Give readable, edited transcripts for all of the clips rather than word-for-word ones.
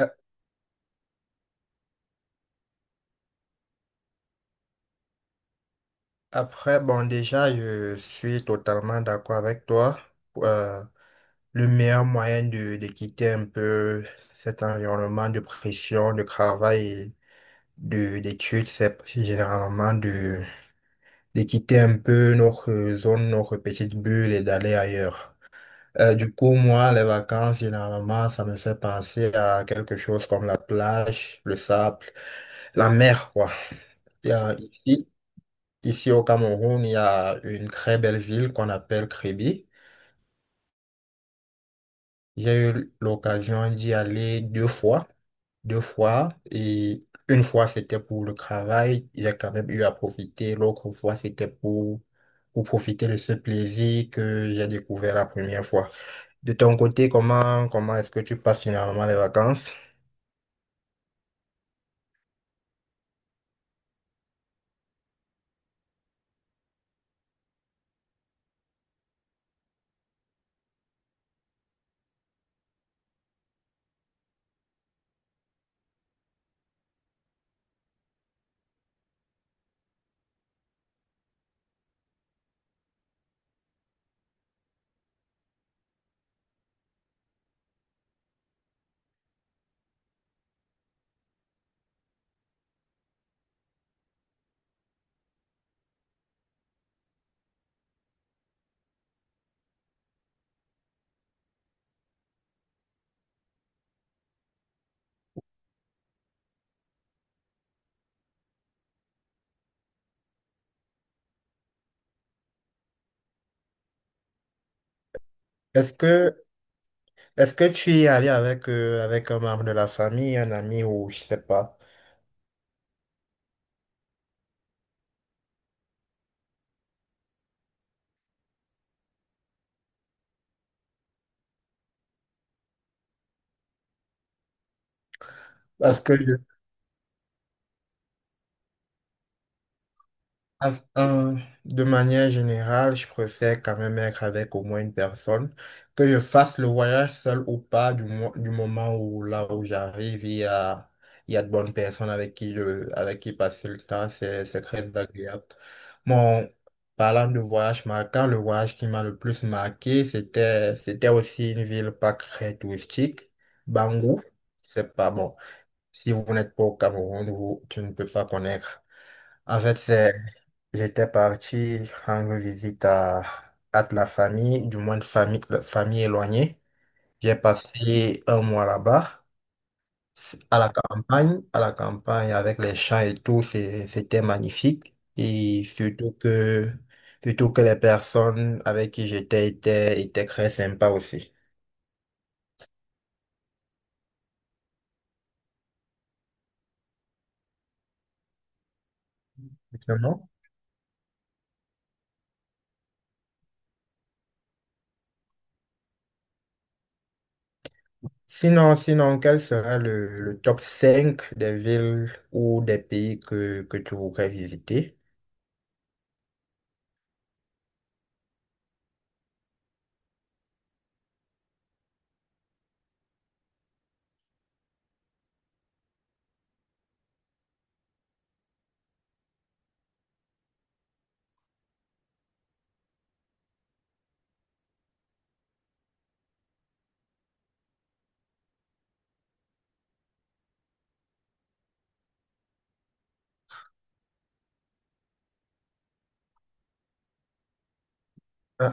Euh, Après, bon, déjà, je suis totalement d'accord avec toi. Euh, le meilleur moyen de quitter un peu cet environnement de pression, de travail et d'études, c'est généralement de quitter un peu notre zone, notre petite bulle et d'aller ailleurs. Du coup, moi, les vacances, généralement, ça me fait penser à quelque chose comme la plage, le sable, la mer, quoi. Euh, Ici, Ici au Cameroun, il y a une très belle ville qu'on appelle Kribi. J'ai eu l'occasion d'y aller deux fois. Deux fois. Et une fois, c'était pour le travail. J'ai quand même eu à profiter. L'autre fois, c'était pour profiter de ce plaisir que j'ai découvert la première fois. De ton côté, comment est-ce que tu passes finalement les vacances? Est-ce que, est-ce que tu y es allé avec, avec un membre de la famille, un ami ou je sais pas? Parce que je Af- De manière générale, je préfère quand même être avec au moins une personne, que je fasse le voyage seul ou pas, du moment où là où j'arrive, il y a de bonnes personnes avec avec qui passer le temps, c'est très agréable. Bon, parlant de voyage marquant, le voyage qui m'a le plus marqué, c'était aussi une ville pas très touristique, Bangou, c'est pas bon. Si vous n'êtes pas au Cameroun, vous, tu ne peux pas connaître. En fait, c'est J'étais parti rendre visite à de la famille, du moins de famille éloignée. J'ai passé un mois là-bas, à la campagne avec les champs et tout, c'était magnifique. Et surtout que les personnes avec qui j'étais étaient très sympas aussi. Vraiment. Sinon, quel sera le top 5 des villes ou des pays que tu voudrais visiter? Euh,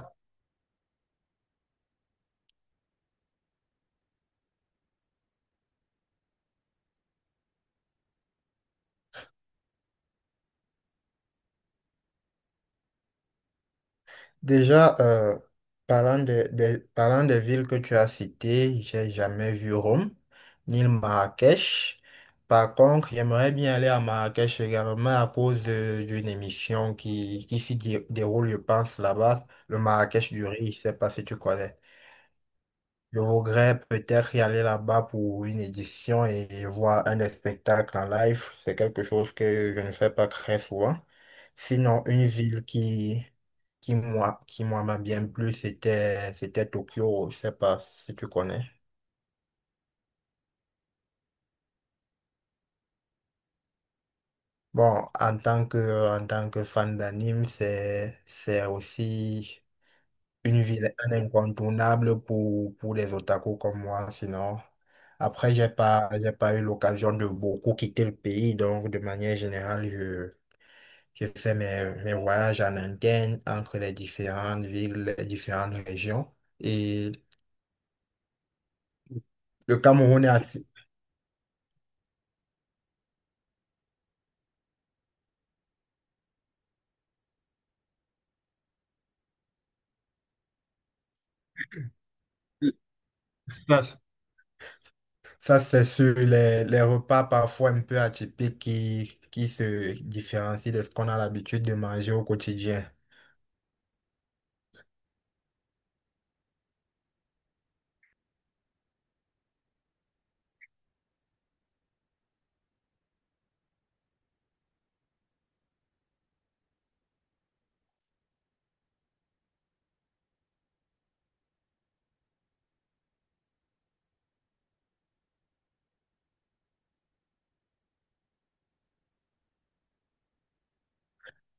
Déjà, parlant parlant des villes que tu as citées, j'ai jamais vu Rome, ni le Marrakech. Par contre, j'aimerais bien aller à Marrakech également à cause d'une émission qui s'y déroule, je pense, là-bas, le Marrakech du riz, je sais pas si tu connais. Je voudrais peut-être y aller là-bas pour une édition et voir un des spectacles en live. C'est quelque chose que je ne fais pas très souvent. Sinon, une ville qui moi m'a bien plu, c'était Tokyo. Je sais pas si tu connais. Bon, en tant que fan d'anime, c'est aussi une ville incontournable pour les otaku comme moi, sinon. Après, j'ai pas eu l'occasion de beaucoup quitter le pays, donc de manière générale, je fais mes voyages en interne entre les différentes villes, les différentes régions. Et le Cameroun est assez... ça, ça c'est sur les repas parfois un peu atypiques qui se différencient de ce qu'on a l'habitude de manger au quotidien.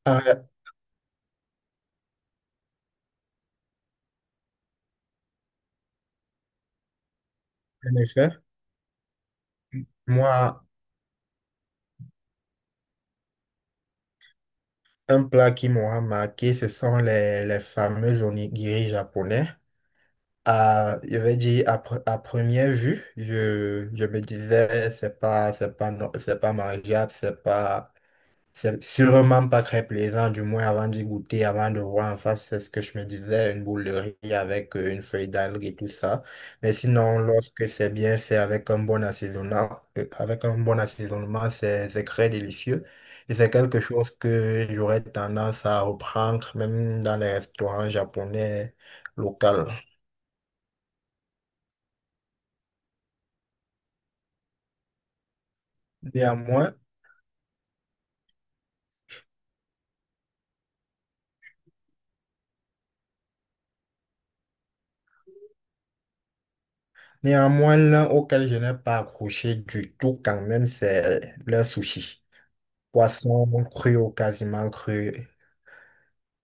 Ah, en effet, moi, un plat qui m'aura marqué, ce sont les fameux onigiri japonais. À, je vais dire, à, pre- À première vue, je me disais, c'est pas mangeable, c'est pas. C'est sûrement pas très plaisant, du moins avant d'y goûter, avant de voir en face, c'est ce que je me disais, une boule de riz avec une feuille d'algue et tout ça. Mais sinon, lorsque c'est bien fait avec un bon assaisonnement, c'est très délicieux. Et c'est quelque chose que j'aurais tendance à reprendre, même dans les restaurants japonais locaux. Néanmoins, néanmoins, l'un auquel je n'ai pas accroché du tout quand même, c'est le sushi. Poisson cru ou quasiment cru,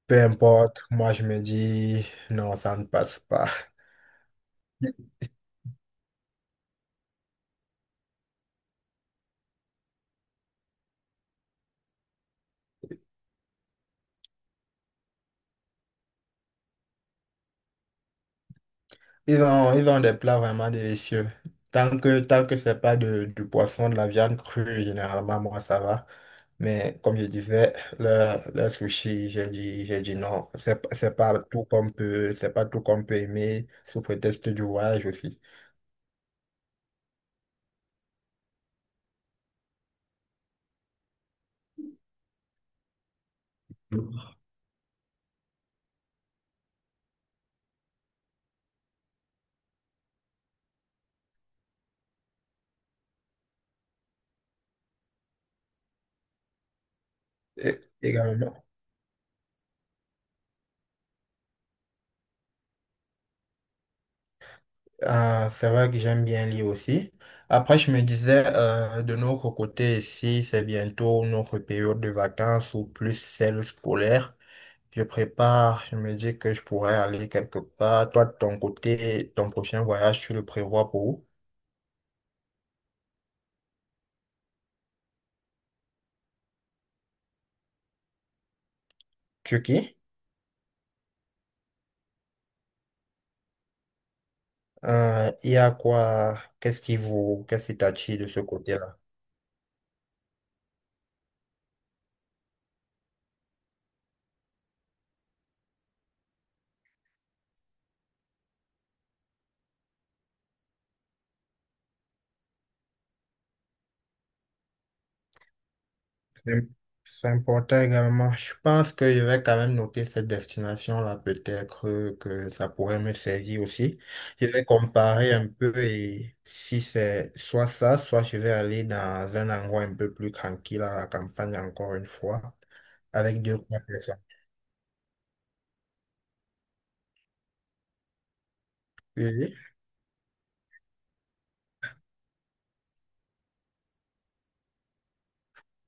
peu importe, moi je me dis non, ça ne passe pas. Ils ont des plats vraiment délicieux. Tant que c'est pas du poisson, de la viande crue, généralement, moi, ça va. Mais comme je disais, le sushi, j'ai dit non. C'est pas tout qu'on peut, c'est pas tout qu'on peut aimer sous prétexte du voyage aussi. Mm. Et également. Ah, c'est vrai que j'aime bien lire aussi. Après, je me disais, de notre côté ici, c'est bientôt notre période de vacances ou plus celle scolaire. Je prépare, je me dis que je pourrais aller quelque part. Toi, de ton côté, ton prochain voyage, tu le prévois pour où? Turquie? Il y a quoi? Qu'est-ce qui t'attire de ce côté-là? C'est c'est important également. Je pense que je vais quand même noter cette destination-là, peut-être que ça pourrait me servir aussi. Je vais comparer un peu et si c'est soit ça, soit je vais aller dans un endroit un peu plus tranquille à la campagne encore une fois, avec deux ou trois personnes. Oui, oui.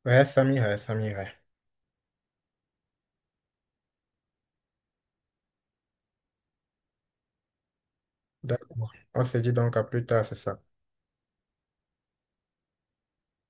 Ouais, ça m'irait, ça m'irait. D'accord. On se dit donc à plus tard, c'est ça.